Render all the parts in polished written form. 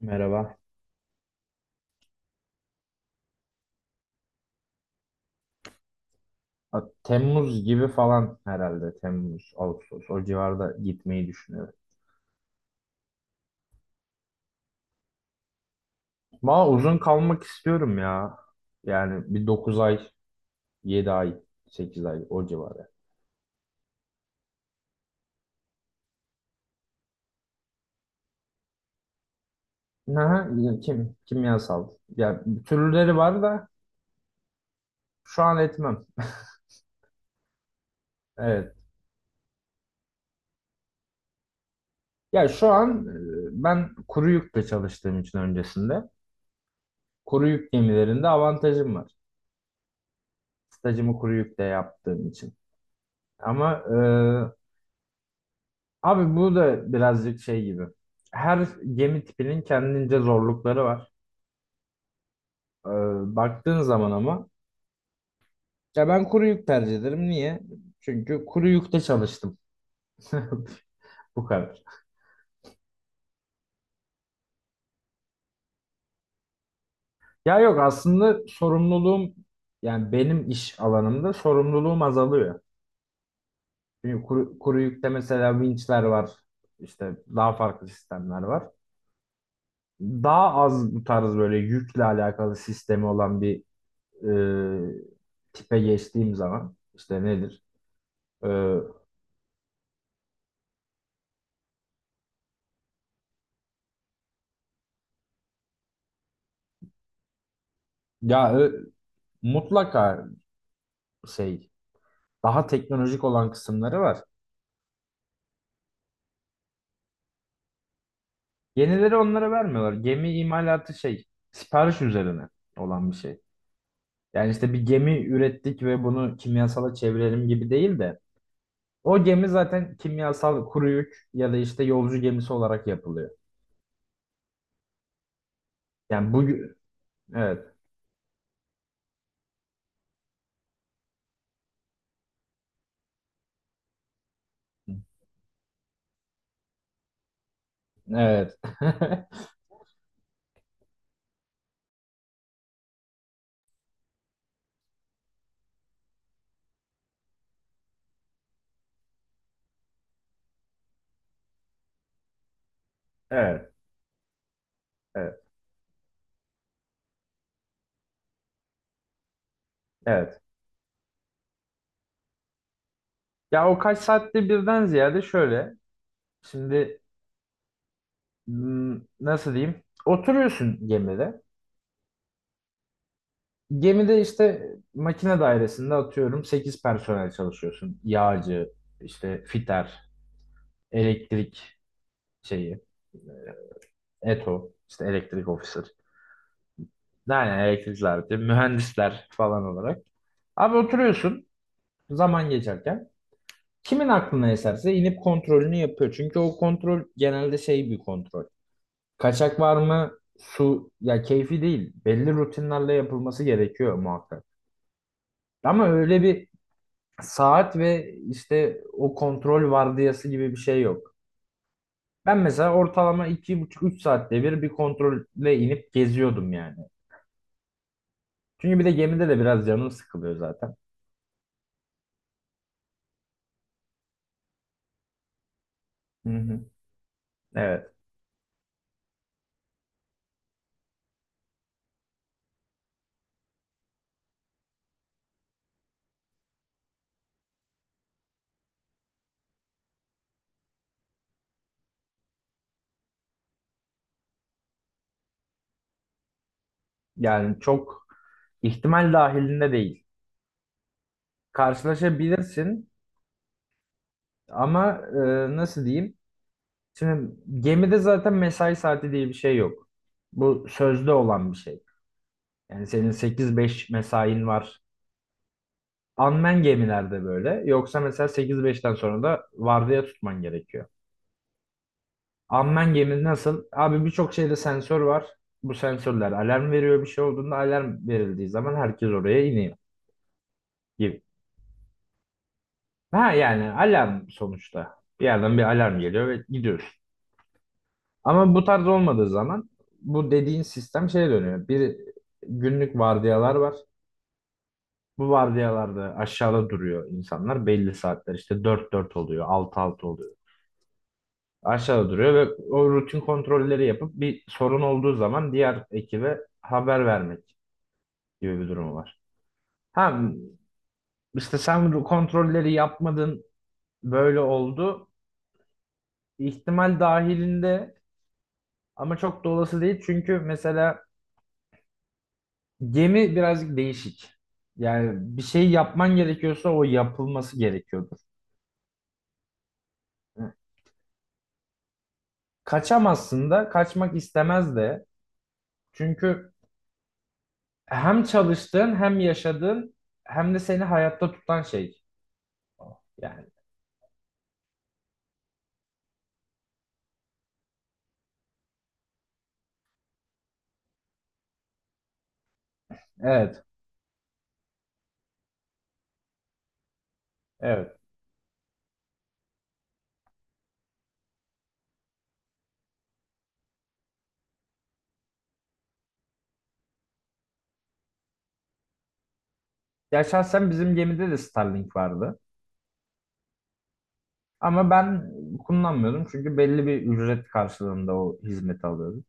Merhaba. Ha, Temmuz gibi falan herhalde. Temmuz, Ağustos. O civarda gitmeyi düşünüyorum. Valla uzun kalmak istiyorum ya. Yani bir 9 ay, 7 ay, 8 ay o civarı. Aha, ya kimyasal. Ya türleri var da şu an etmem. Evet. Ya şu an ben kuru yükle çalıştığım için öncesinde. Kuru yük gemilerinde avantajım var. Stajımı kuru yükle yaptığım için. Ama e, Abi bu da birazcık şey gibi. Her gemi tipinin kendince zorlukları var. Ee, baktığın zaman ama ya ben kuru yük tercih ederim. Niye? Çünkü kuru yükte çalıştım. Bu kadar. Ya yok aslında sorumluluğum yani benim iş alanımda sorumluluğum azalıyor. Çünkü kuru yükte mesela vinçler var. İşte daha farklı sistemler var. Daha az bu tarz böyle yükle alakalı sistemi olan bir tipe geçtiğim zaman işte nedir? E, ya ö- mutlaka şey daha teknolojik olan kısımları var. Yenileri onlara vermiyorlar. Gemi imalatı şey sipariş üzerine olan bir şey. Yani işte bir gemi ürettik ve bunu kimyasala çevirelim gibi değil de o gemi zaten kimyasal kuru yük ya da işte yolcu gemisi olarak yapılıyor. Yani bu evet evet evet evet evet. Ya o kaç saatte birden ziyade şöyle. Şimdi nasıl diyeyim? Oturuyorsun gemide. Gemide işte makine dairesinde atıyorum 8 personel çalışıyorsun. Yağcı, işte fiter, elektrik şeyi, ETO, işte elektrik officer. Yani elektrikler, mühendisler falan olarak. Abi oturuyorsun zaman geçerken. Kimin aklına eserse inip kontrolünü yapıyor. Çünkü o kontrol genelde şey bir kontrol. Kaçak var mı? Su ya keyfi değil. Belli rutinlerle yapılması gerekiyor muhakkak. Ama öyle bir saat ve işte o kontrol vardiyası gibi bir şey yok. Ben mesela ortalama iki buçuk üç saatte bir bir kontrolle inip geziyordum yani. Çünkü bir de gemide de biraz canım sıkılıyor zaten. Hı hı. Evet. Yani çok ihtimal dahilinde değil. Karşılaşabilirsin ama e, nasıl diyeyim? Şimdi gemide zaten mesai saati diye bir şey yok. Bu sözde olan bir şey. Yani senin sekiz beş mesain var. Unmanned gemilerde böyle. Yoksa mesela sekiz beşten sonra da vardiya tutman gerekiyor. Unmanned gemi nasıl? Abi birçok şeyde sensör var. Bu sensörler alarm veriyor bir şey olduğunda alarm verildiği zaman herkes oraya iniyor gibi. Ha yani alarm sonuçta. Bir yerden bir alarm geliyor ve gidiyorsun. Ama bu tarz olmadığı zaman bu dediğin sistem şeye dönüyor. Bir günlük vardiyalar var. Bu vardiyalarda aşağıda duruyor insanlar belli saatler. İşte dört dört oluyor, altı altı oluyor. Aşağıda duruyor ve o rutin kontrolleri yapıp bir sorun olduğu zaman diğer ekibe haber vermek gibi bir durum var. Ha işte sen bu kontrolleri yapmadın böyle oldu. İhtimal dahilinde ama çok da olası değil çünkü mesela gemi birazcık değişik. Yani bir şey yapman gerekiyorsa o yapılması gerekiyordur. Kaçamazsın da kaçmak istemez de çünkü hem çalıştığın hem yaşadığın hem de seni hayatta tutan şey. Yani evet, evet. Ya şahsen bizim gemide de Starlink vardı. Ama ben kullanmıyordum çünkü belli bir ücret karşılığında o hizmeti alıyordum.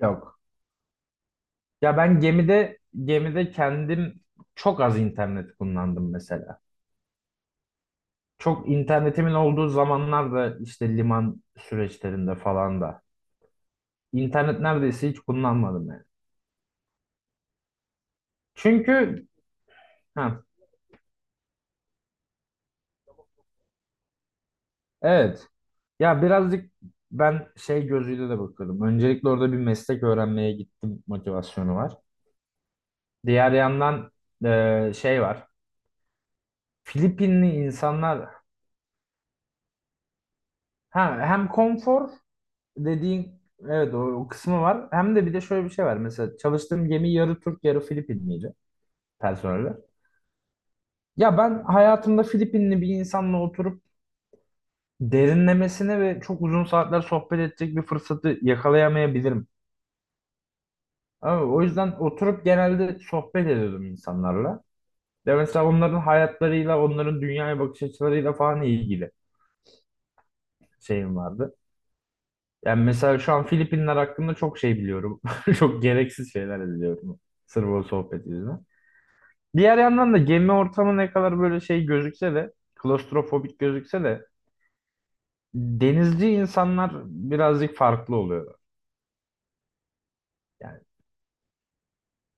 Yok. Ya ben gemide kendim çok az internet kullandım mesela. Çok internetimin olduğu zamanlarda işte liman süreçlerinde falan da internet neredeyse hiç kullanmadım yani. Çünkü ha, evet. Ya birazcık ben şey gözüyle de bakıyorum. Öncelikle orada bir meslek öğrenmeye gittim motivasyonu var. Diğer yandan şey var. Filipinli insanlar ha, hem konfor dediğin evet o kısmı var. Hem de bir de şöyle bir şey var. Mesela çalıştığım gemi yarı Türk yarı Filipinliydi personeli. Ya ben hayatımda Filipinli bir insanla oturup derinlemesine ve çok uzun saatler sohbet edecek bir fırsatı yakalayamayabilirim. Ama o yüzden oturup genelde sohbet ediyordum insanlarla. Ya mesela onların hayatlarıyla, onların dünyaya bakış açılarıyla falan ilgili şeyim vardı. Yani mesela şu an Filipinler hakkında çok şey biliyorum. Çok gereksiz şeyler biliyorum. Sırf o sohbet yüzünden. Diğer yandan da gemi ortamı ne kadar böyle şey gözükse de, klostrofobik gözükse de denizci insanlar birazcık farklı oluyor. Yani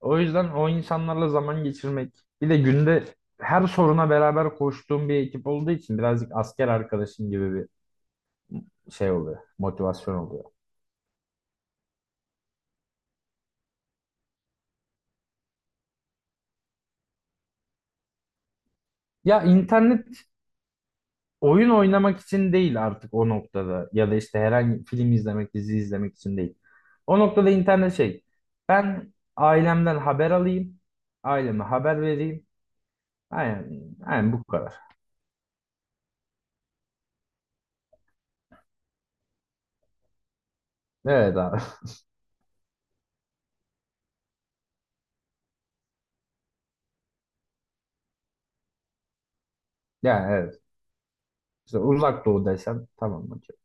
o yüzden o insanlarla zaman geçirmek bir de günde her soruna beraber koştuğum bir ekip olduğu için birazcık asker arkadaşım gibi bir şey oluyor. Motivasyon oluyor. Ya internet oyun oynamak için değil artık o noktada ya da işte herhangi film izlemek, dizi izlemek için değil. O noktada internet şey. Ben ailemden haber alayım, aileme haber vereyim. Aynen, aynen bu kadar. Evet abi. Yani evet. İşte uzak doğu desem tamam okey.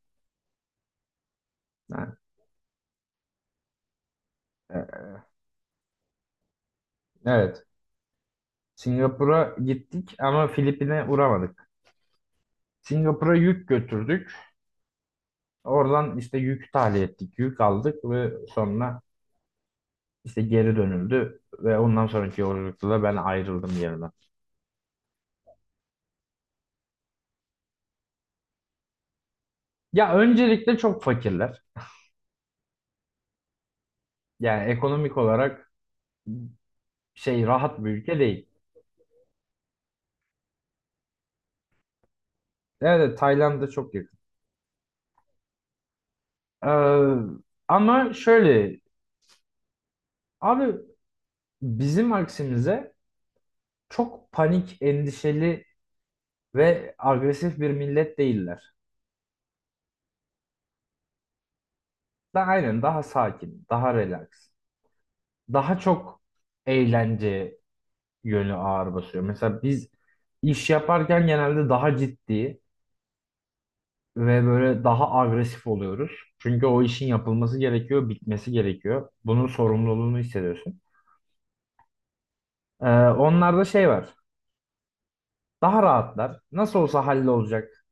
Yani, e- evet. Singapur'a gittik ama Filipin'e uğramadık. Singapur'a yük götürdük. Oradan işte yük tahliye ettik, yük aldık ve sonra İşte geri dönüldü ve ondan sonraki yolculukta da ben ayrıldım yerimden. Ya öncelikle çok fakirler. Yani ekonomik olarak şey rahat bir ülke değil. Evet evet, Tayland'a çok yakın. Ee, ama şöyle abi bizim aksimize çok panik, endişeli ve agresif bir millet değiller. Da aynen daha sakin, daha relax. Daha çok eğlence yönü ağır basıyor. Mesela biz iş yaparken genelde daha ciddi ve böyle daha agresif oluyoruz. Çünkü o işin yapılması gerekiyor, bitmesi gerekiyor. Bunun sorumluluğunu hissediyorsun. Onlarda şey var. Daha rahatlar. Nasıl olsa hallolacak.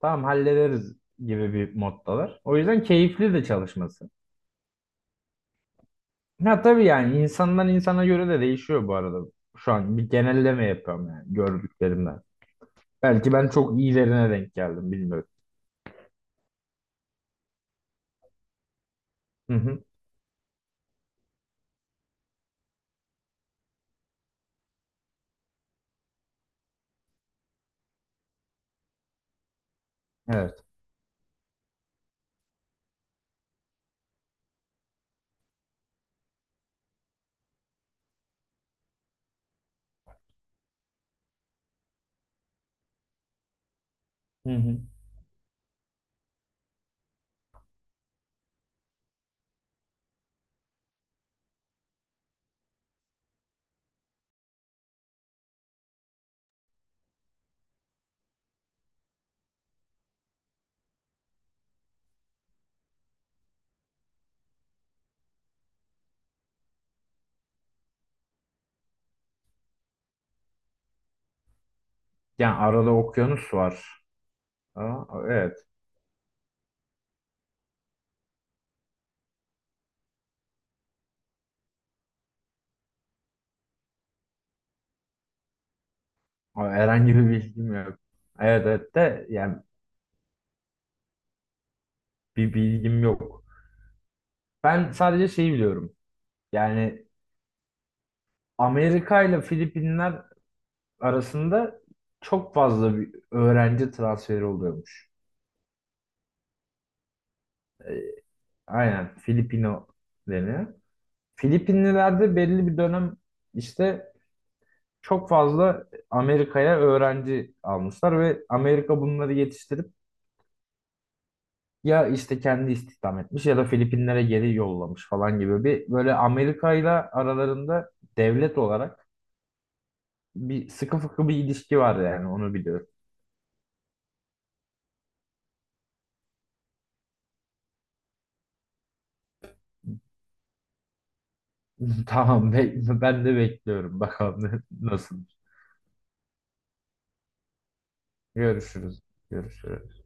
Tamam hallederiz gibi bir moddalar. O yüzden keyifli de çalışması. Ha tabii yani insandan insana göre de değişiyor bu arada. Şu an bir genelleme yapıyorum yani gördüklerimden. Belki ben çok iyilerine denk geldim bilmiyorum. Hı hı. Evet. Hı hı. Yani arada okyanus var. Aa, evet. Ama herhangi bir bilgim yok. Evet evet de yani bir bilgim yok. Ben sadece şeyi biliyorum. Yani Amerika ile Filipinler arasında çok fazla bir öğrenci transferi oluyormuş. Aynen Filipino deniyor. Filipinliler de belli bir dönem işte çok fazla Amerika'ya öğrenci almışlar ve Amerika bunları yetiştirip ya işte kendi istihdam etmiş ya da Filipinlere geri yollamış falan gibi bir böyle Amerika ile aralarında devlet olarak sıkı fıkı bir ilişki var yani onu biliyorum. Tamam be- ben de bekliyorum bakalım nasıl. Görüşürüz. Görüşürüz.